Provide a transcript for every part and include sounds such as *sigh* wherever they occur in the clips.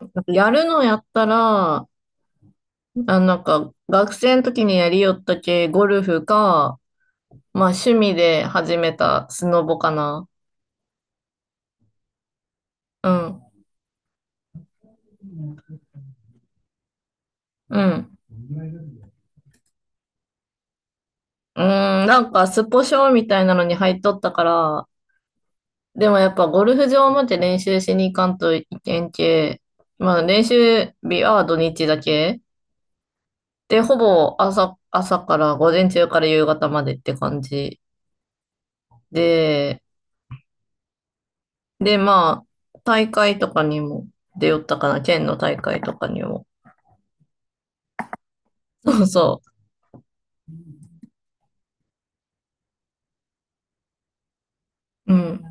なんかやるのやったら、なんか学生の時にやりよったけ、ゴルフか、まあ趣味で始めたスノボかな。うん、うん。なんかスポ少みたいなのに入っとったから、でもやっぱゴルフ場まで練習しに行かんといけんけ、まあ練習日は土日だけ。で、ほぼ朝から午前中から夕方までって感じ。で、で、まあ、大会とかにも出よったかな、県の大会とかにも。*laughs* そうそう。うん。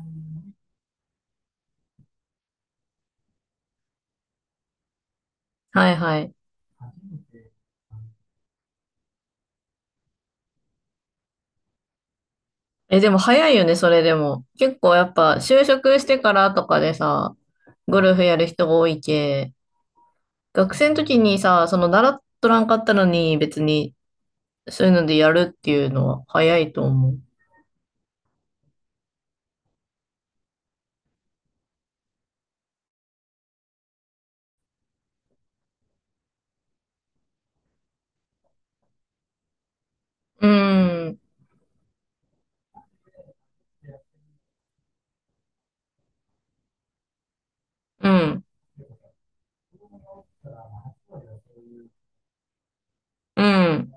はいはい。え、でも早いよね、それでも。結構やっぱ、就職してからとかでさ、ゴルフやる人が多いけ、学生の時にさ、その習っとらんかったのに、別に、そういうのでやるっていうのは早いと思う。うん、うん、うん、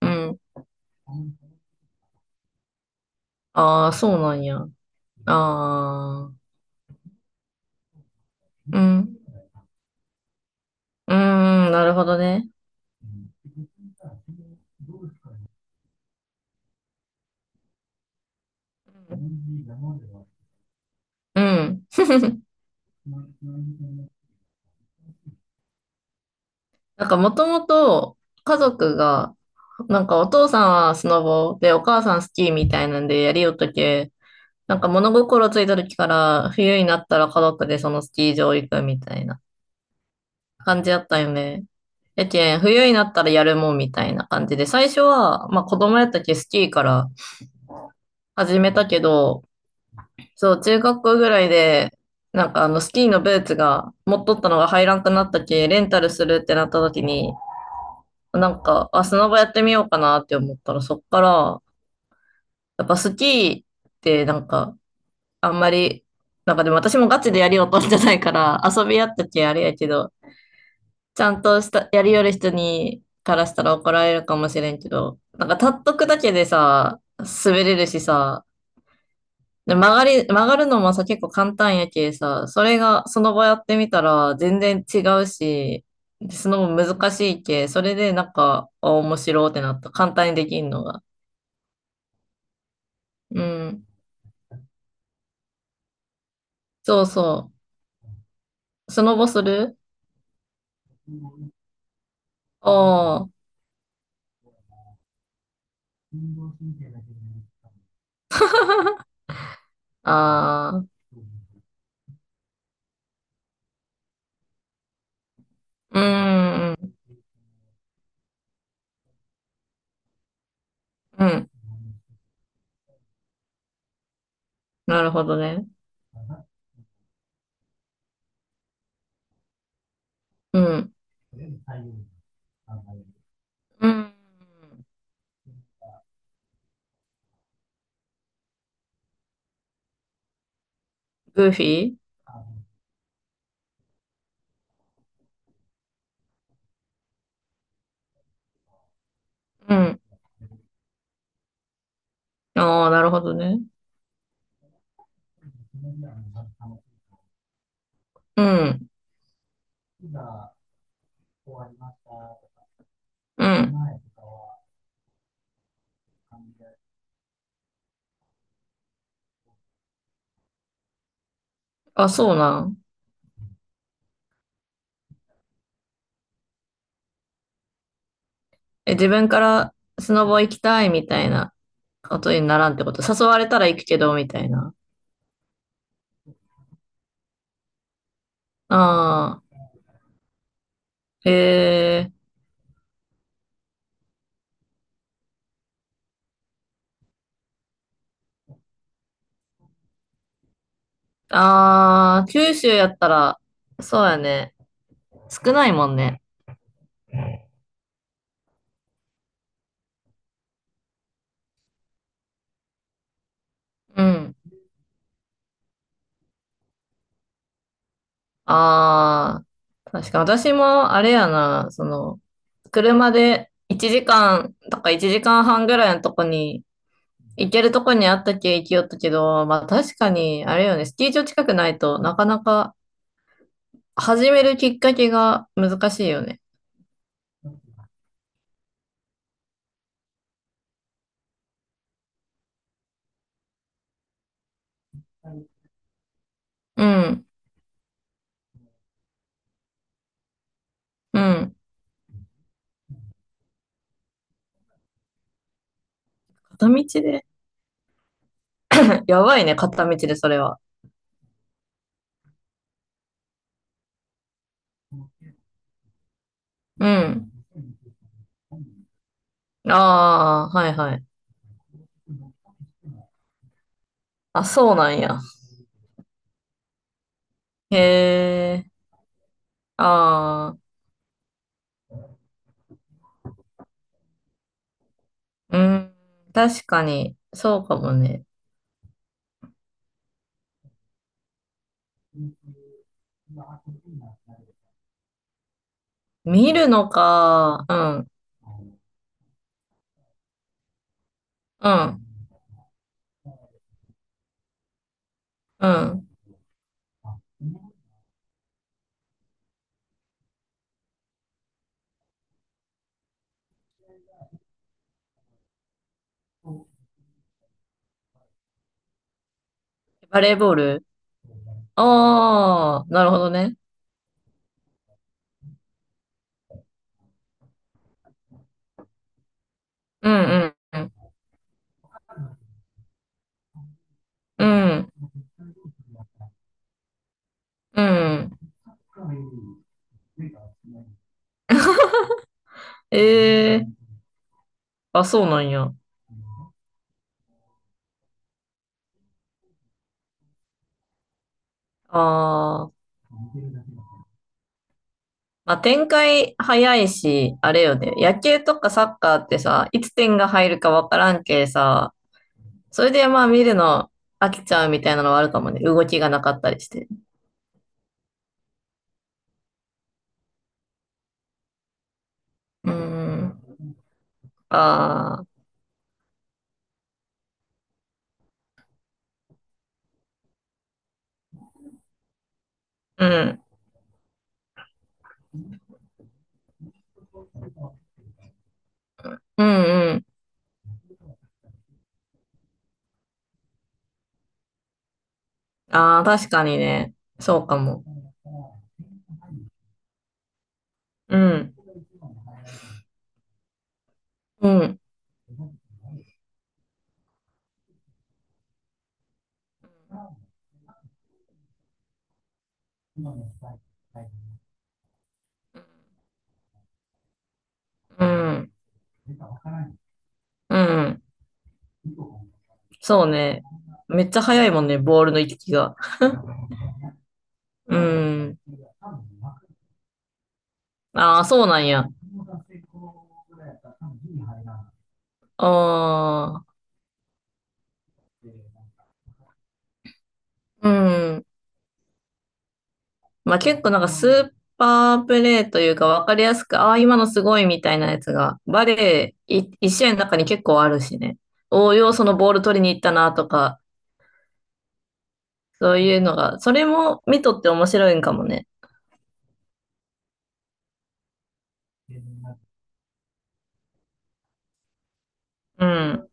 うん。ああ、そうなんや。ああ、うん、なるほどね。うん。なんかもともと家族が、なんかお父さんはスノボでお母さんスキーみたいなんでやりよったけ、なんか物心ついた時から冬になったら家族でそのスキー場行くみたいな感じやったよね。やけん、冬になったらやるもんみたいな感じで、最初は、まあ子供やったけスキーから始めたけど、そう、中学校ぐらいで、なんかあのスキーのブーツが持っとったのが入らんくなったけ、レンタルするってなった時に、なんか、あ、砂場やってみようかなって思ったら、そっから、やっぱスキーってなんか、あんまり、なんかでも私もガチでやりようとじゃないから、遊びやったけあれやけど、ちゃんとした、やりよる人に、からしたら怒られるかもしれんけど、なんか立っとくだけでさ、滑れるしさ、で曲がるのもさ、結構簡単やけさ、それが、その場やってみたら、全然違うし、その分難しいけ、それでなんか、あ面白ってなった。簡単にできんのが。うん。そうそう。スノボするおー。あー。うん。うん。なるほどね。うん。うん。グーフィーうん。ああなるほどね。うん。うん。あ、そうなん。え、自分からスノボ行きたいみたいなことにならんってこと。誘われたら行くけど、みたいな。ああ、へえ。ああ、九州やったら、そうやね。少ないもんね。うん。ああ、確か私もあれやな、その、車で1時間とか1時間半ぐらいのとこに、行けるとこにあったけ行きよったけど、まあ確かに、あれよね、スキー場近くないとなかなか始めるきっかけが難しいよね。うん、うん。片道で *laughs* やばいね、片道でそれは。うん。ああ、はいはい。あ、そうなんや。へえ、ああ、うん、確かに、そうかもね。見るのか。うん。うん。うん。バレーボールああなるほどね。うんうん。うん。うん。ええあ、そうなんや。ああ。まあ、展開早いし、あれよね。野球とかサッカーってさ、いつ点が入るかわからんけさ、それでまあ見るの飽きちゃうみたいなのはあるかもね。動きがなかったりして。うーん。ああ。うん。うんうん。ああ、確かにね。そうかも。うん、うん、うん、うん。そうね。めっちゃ速いもんね、ボールの行き来が。うん。ああ、そうなんや。ああ、うん。まあ結構なんかスーパープレーというか分かりやすく、ああ、今のすごいみたいなやつが、バレーい一試合の中に結構あるしね。応用そのボール取りに行ったなとか、そういうのが、それも見とって面白いんかもね。うん、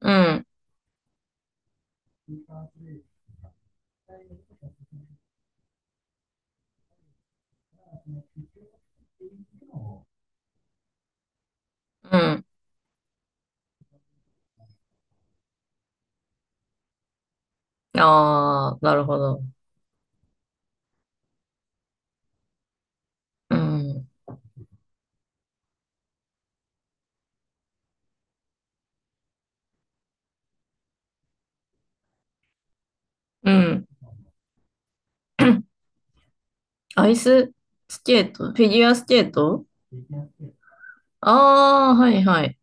うん、うん。ああ、なるほど。うん。うん。アイススケートフィギュアスケートああー、はいはい。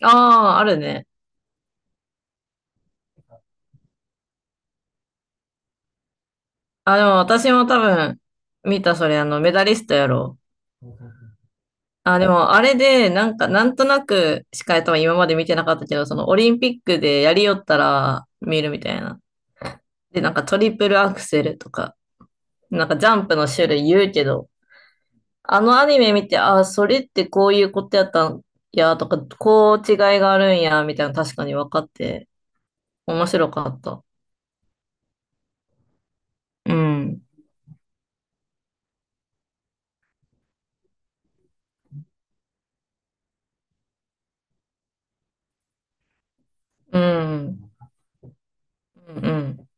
ああ、あるね。あ、でも私も多分、見た、それ、あの、メダリストやろう。あ、でも、あれで、なんか、なんとなくしか多分今まで見てなかったけど、その、オリンピックでやりよったら見るみたいな。で、なんか、トリプルアクセルとか、なんか、ジャンプの種類言うけど、あのアニメ見て、あ、それってこういうことやったんや、とか、こう違いがあるんや、みたいな、確かに分かって、面白かった。うん。うん。うんうん。